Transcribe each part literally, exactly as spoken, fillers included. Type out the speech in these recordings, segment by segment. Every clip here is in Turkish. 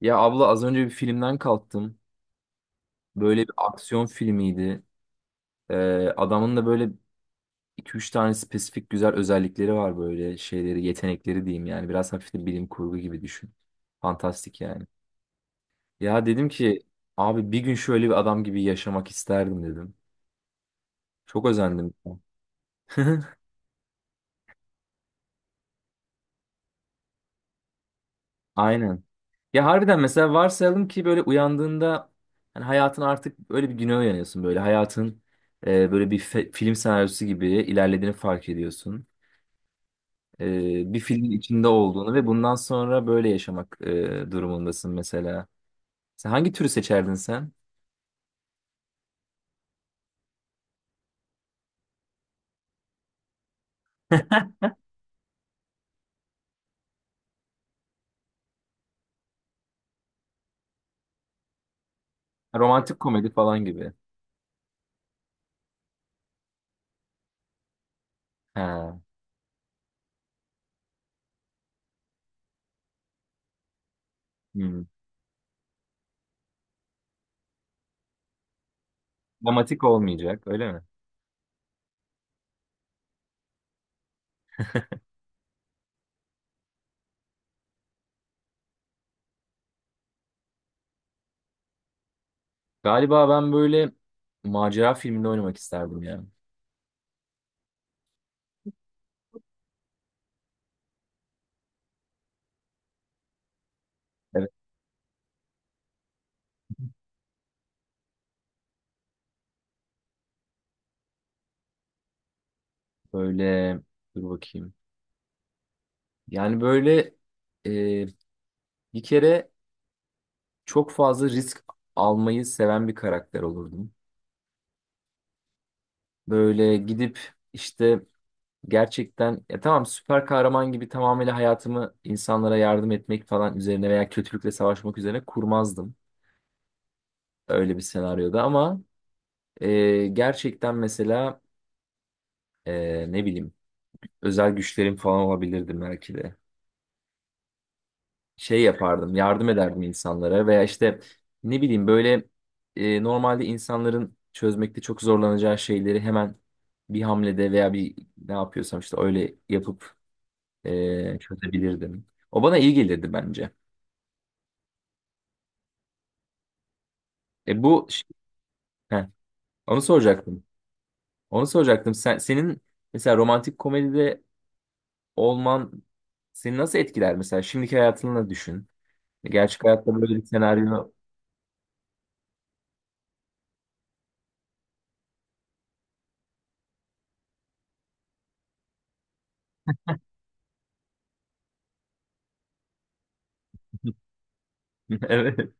Ya abla az önce bir filmden kalktım. Böyle bir aksiyon filmiydi. Ee, adamın da böyle iki üç tane spesifik güzel özellikleri var böyle şeyleri, yetenekleri diyeyim yani. Biraz hafif de bilim kurgu gibi düşün. Fantastik yani. Ya dedim ki abi bir gün şöyle bir adam gibi yaşamak isterdim dedim. Çok özendim. Aynen. Ya harbiden mesela varsayalım ki böyle uyandığında hani hayatın artık öyle bir güne uyanıyorsun böyle hayatın e, böyle bir fe- film senaryosu gibi ilerlediğini fark ediyorsun. E, bir filmin içinde olduğunu ve bundan sonra böyle yaşamak e, durumundasın mesela. Sen hangi türü seçerdin sen? Ha, romantik komedi falan gibi. Ha, hmm. Dramatik olmayacak, öyle mi? Galiba ben böyle macera filminde oynamak isterdim ya. Evet, böyle dur bakayım. Yani böyle e, bir kere çok fazla risk almayı seven bir karakter olurdum. Böyle gidip işte gerçekten ya tamam, süper kahraman gibi tamamıyla hayatımı insanlara yardım etmek falan üzerine veya kötülükle savaşmak üzerine kurmazdım öyle bir senaryoda ama e, gerçekten mesela e, ne bileyim özel güçlerim falan olabilirdim belki de. Şey yapardım, yardım ederdim insanlara veya işte ne bileyim böyle e, normalde insanların çözmekte çok zorlanacağı şeyleri hemen bir hamlede veya bir ne yapıyorsam işte öyle yapıp e, çözebilirdim. O bana iyi gelirdi bence. E bu heh, onu soracaktım. Onu soracaktım. Sen senin mesela romantik komedide olman seni nasıl etkiler mesela? Şimdiki hayatını düşün. E, Gerçek hayatta böyle bir senaryo. Evet.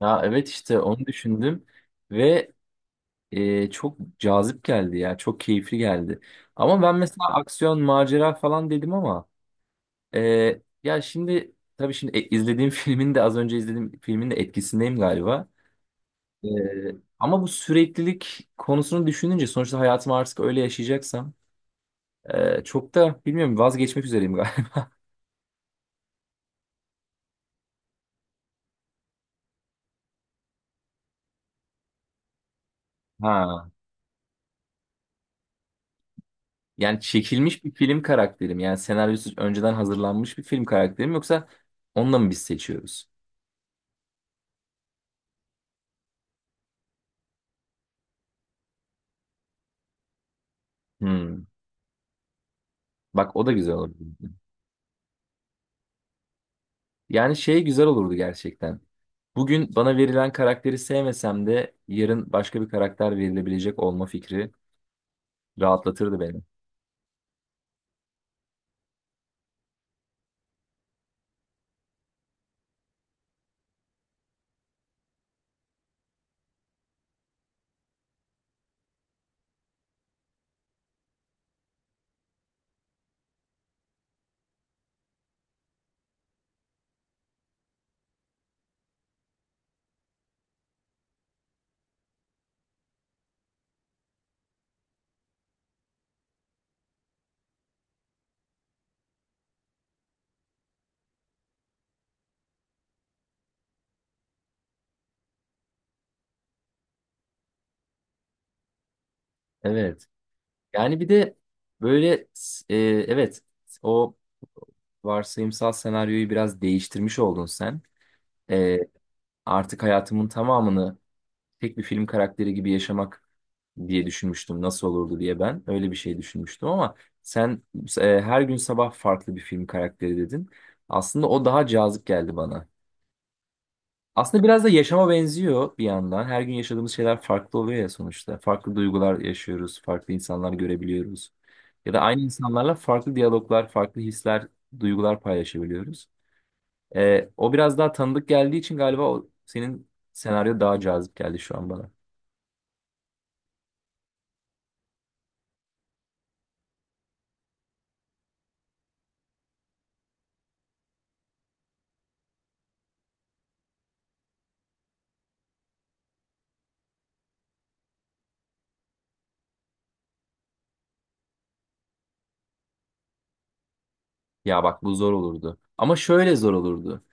Ya evet işte onu düşündüm ve e, çok cazip geldi ya. Çok keyifli geldi. Ama ben mesela aksiyon, macera falan dedim ama e, ya şimdi tabii şimdi e, izlediğim filmin de, az önce izlediğim filmin de etkisindeyim galiba. Ee, Ama bu süreklilik konusunu düşününce sonuçta hayatımı artık öyle yaşayacaksam e, çok da bilmiyorum, vazgeçmek üzereyim galiba. Ha. Yani çekilmiş bir film karakterim, yani senaryosu önceden hazırlanmış bir film karakterim, yoksa onunla mı biz seçiyoruz? Hmm. Bak o da güzel olurdu. Yani şey, güzel olurdu gerçekten. Bugün bana verilen karakteri sevmesem de yarın başka bir karakter verilebilecek olma fikri rahatlatırdı beni. Evet. Yani bir de böyle e, evet o varsayımsal senaryoyu biraz değiştirmiş oldun sen. Ee, Artık hayatımın tamamını tek bir film karakteri gibi yaşamak diye düşünmüştüm. Nasıl olurdu diye ben öyle bir şey düşünmüştüm ama sen e, her gün sabah farklı bir film karakteri dedin. Aslında o daha cazip geldi bana. Aslında biraz da yaşama benziyor bir yandan. Her gün yaşadığımız şeyler farklı oluyor ya sonuçta. Farklı duygular yaşıyoruz, farklı insanlar görebiliyoruz. Ya da aynı insanlarla farklı diyaloglar, farklı hisler, duygular paylaşabiliyoruz. Ee, o biraz daha tanıdık geldiği için galiba o, senin senaryo daha cazip geldi şu an bana. Ya bak bu zor olurdu. Ama şöyle zor olurdu.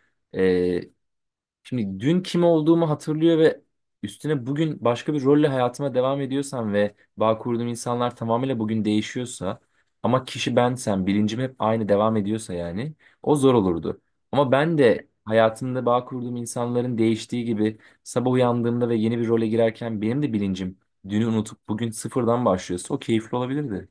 Şimdi dün kim olduğumu hatırlıyor ve üstüne bugün başka bir rolle hayatıma devam ediyorsam ve bağ kurduğum insanlar tamamıyla bugün değişiyorsa ama kişi bensem, bilincim hep aynı devam ediyorsa, yani o zor olurdu. Ama ben de hayatımda bağ kurduğum insanların değiştiği gibi sabah uyandığımda ve yeni bir role girerken benim de bilincim dünü unutup bugün sıfırdan başlıyorsa o keyifli olabilirdi.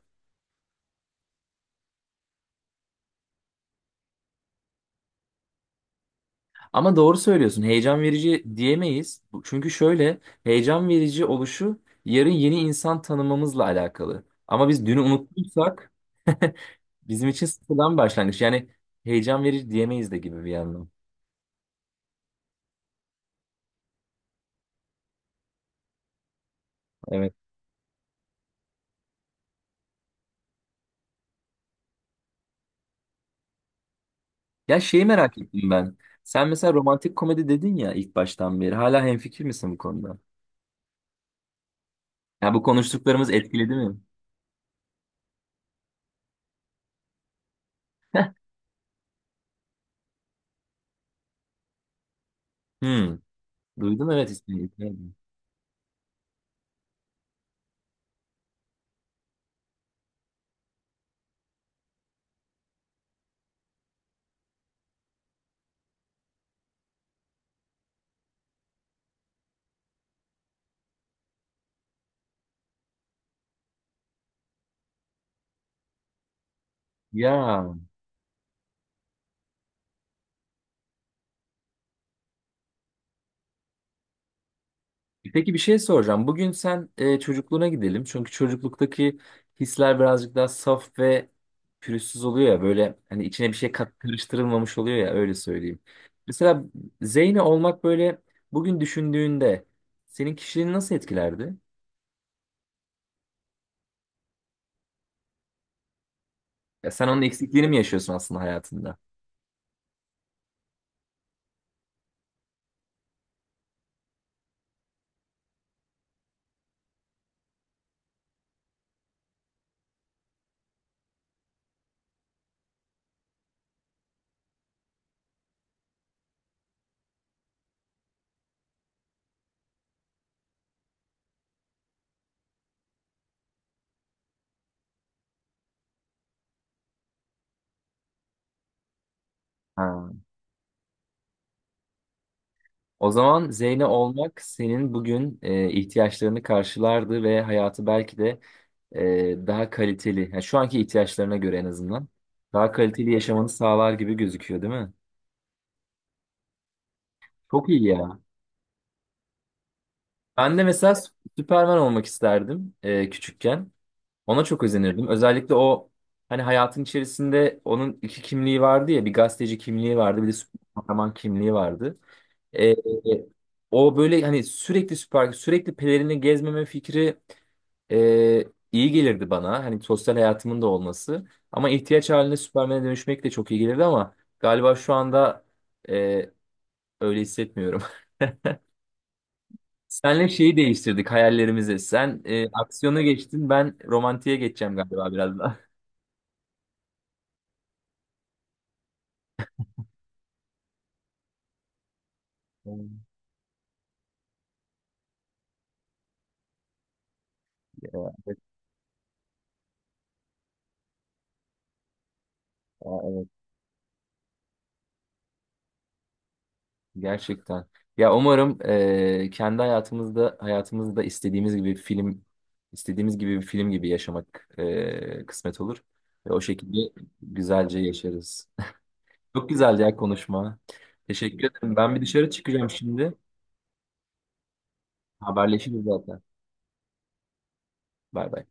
Ama doğru söylüyorsun. Heyecan verici diyemeyiz. Bu- Çünkü şöyle, heyecan verici oluşu yarın yeni insan tanımamızla alakalı. Ama biz dünü unuttuysak bizim için sıfırdan başlangıç. Yani heyecan verici diyemeyiz de gibi bir yandan. Evet. Ya şeyi merak ettim ben. Sen mesela romantik komedi dedin ya ilk baştan beri. Hala hemfikir misin bu konuda? Ya bu konuştuklarımız etkiledi mi? Hmm. Duydum evet ismini. Ya. Peki bir şey soracağım. Bugün sen e, çocukluğuna gidelim. Çünkü çocukluktaki hisler birazcık daha saf ve pürüzsüz oluyor ya. Böyle hani içine bir şey kat karıştırılmamış oluyor ya, öyle söyleyeyim. Mesela Zeyne olmak böyle, bugün düşündüğünde senin kişiliğini nasıl etkilerdi? Ya sen onun eksikliğini mi yaşıyorsun aslında hayatında? Ha. O zaman Zeyne olmak senin bugün e, ihtiyaçlarını karşılardı ve hayatı belki de e, daha kaliteli, yani şu anki ihtiyaçlarına göre en azından daha kaliteli yaşamanı sağlar gibi gözüküyor, değil mi? Çok iyi ya. Ben de mesela Sü- Süperman olmak isterdim e, küçükken. Ona çok özenirdim. Özellikle o hani hayatın içerisinde onun iki kimliği vardı ya, bir gazeteci kimliği vardı, bir de süper kahraman kimliği vardı. E, e, O böyle hani sürekli süper, sürekli pelerini gezmeme fikri Ee, iyi gelirdi bana. Hani sosyal hayatımın da olması. Ama ihtiyaç halinde Süpermen'e dönüşmek de çok iyi gelirdi ama galiba şu anda e, öyle hissetmiyorum. Senle şeyi değiştirdik hayallerimizi. Sen e, aksiyona geçtin, ben romantiğe geçeceğim galiba biraz daha. Hmm. Ya, evet, ya, evet, gerçekten. Ya umarım e, kendi hayatımızda hayatımızda istediğimiz gibi bir film istediğimiz gibi bir film gibi yaşamak e, kısmet olur. Ve o şekilde güzelce yaşarız. Çok güzeldi ya konuşma. Teşekkür ederim. Ben bir dışarı çıkacağım şimdi. Haberleşiriz zaten. Bay bay.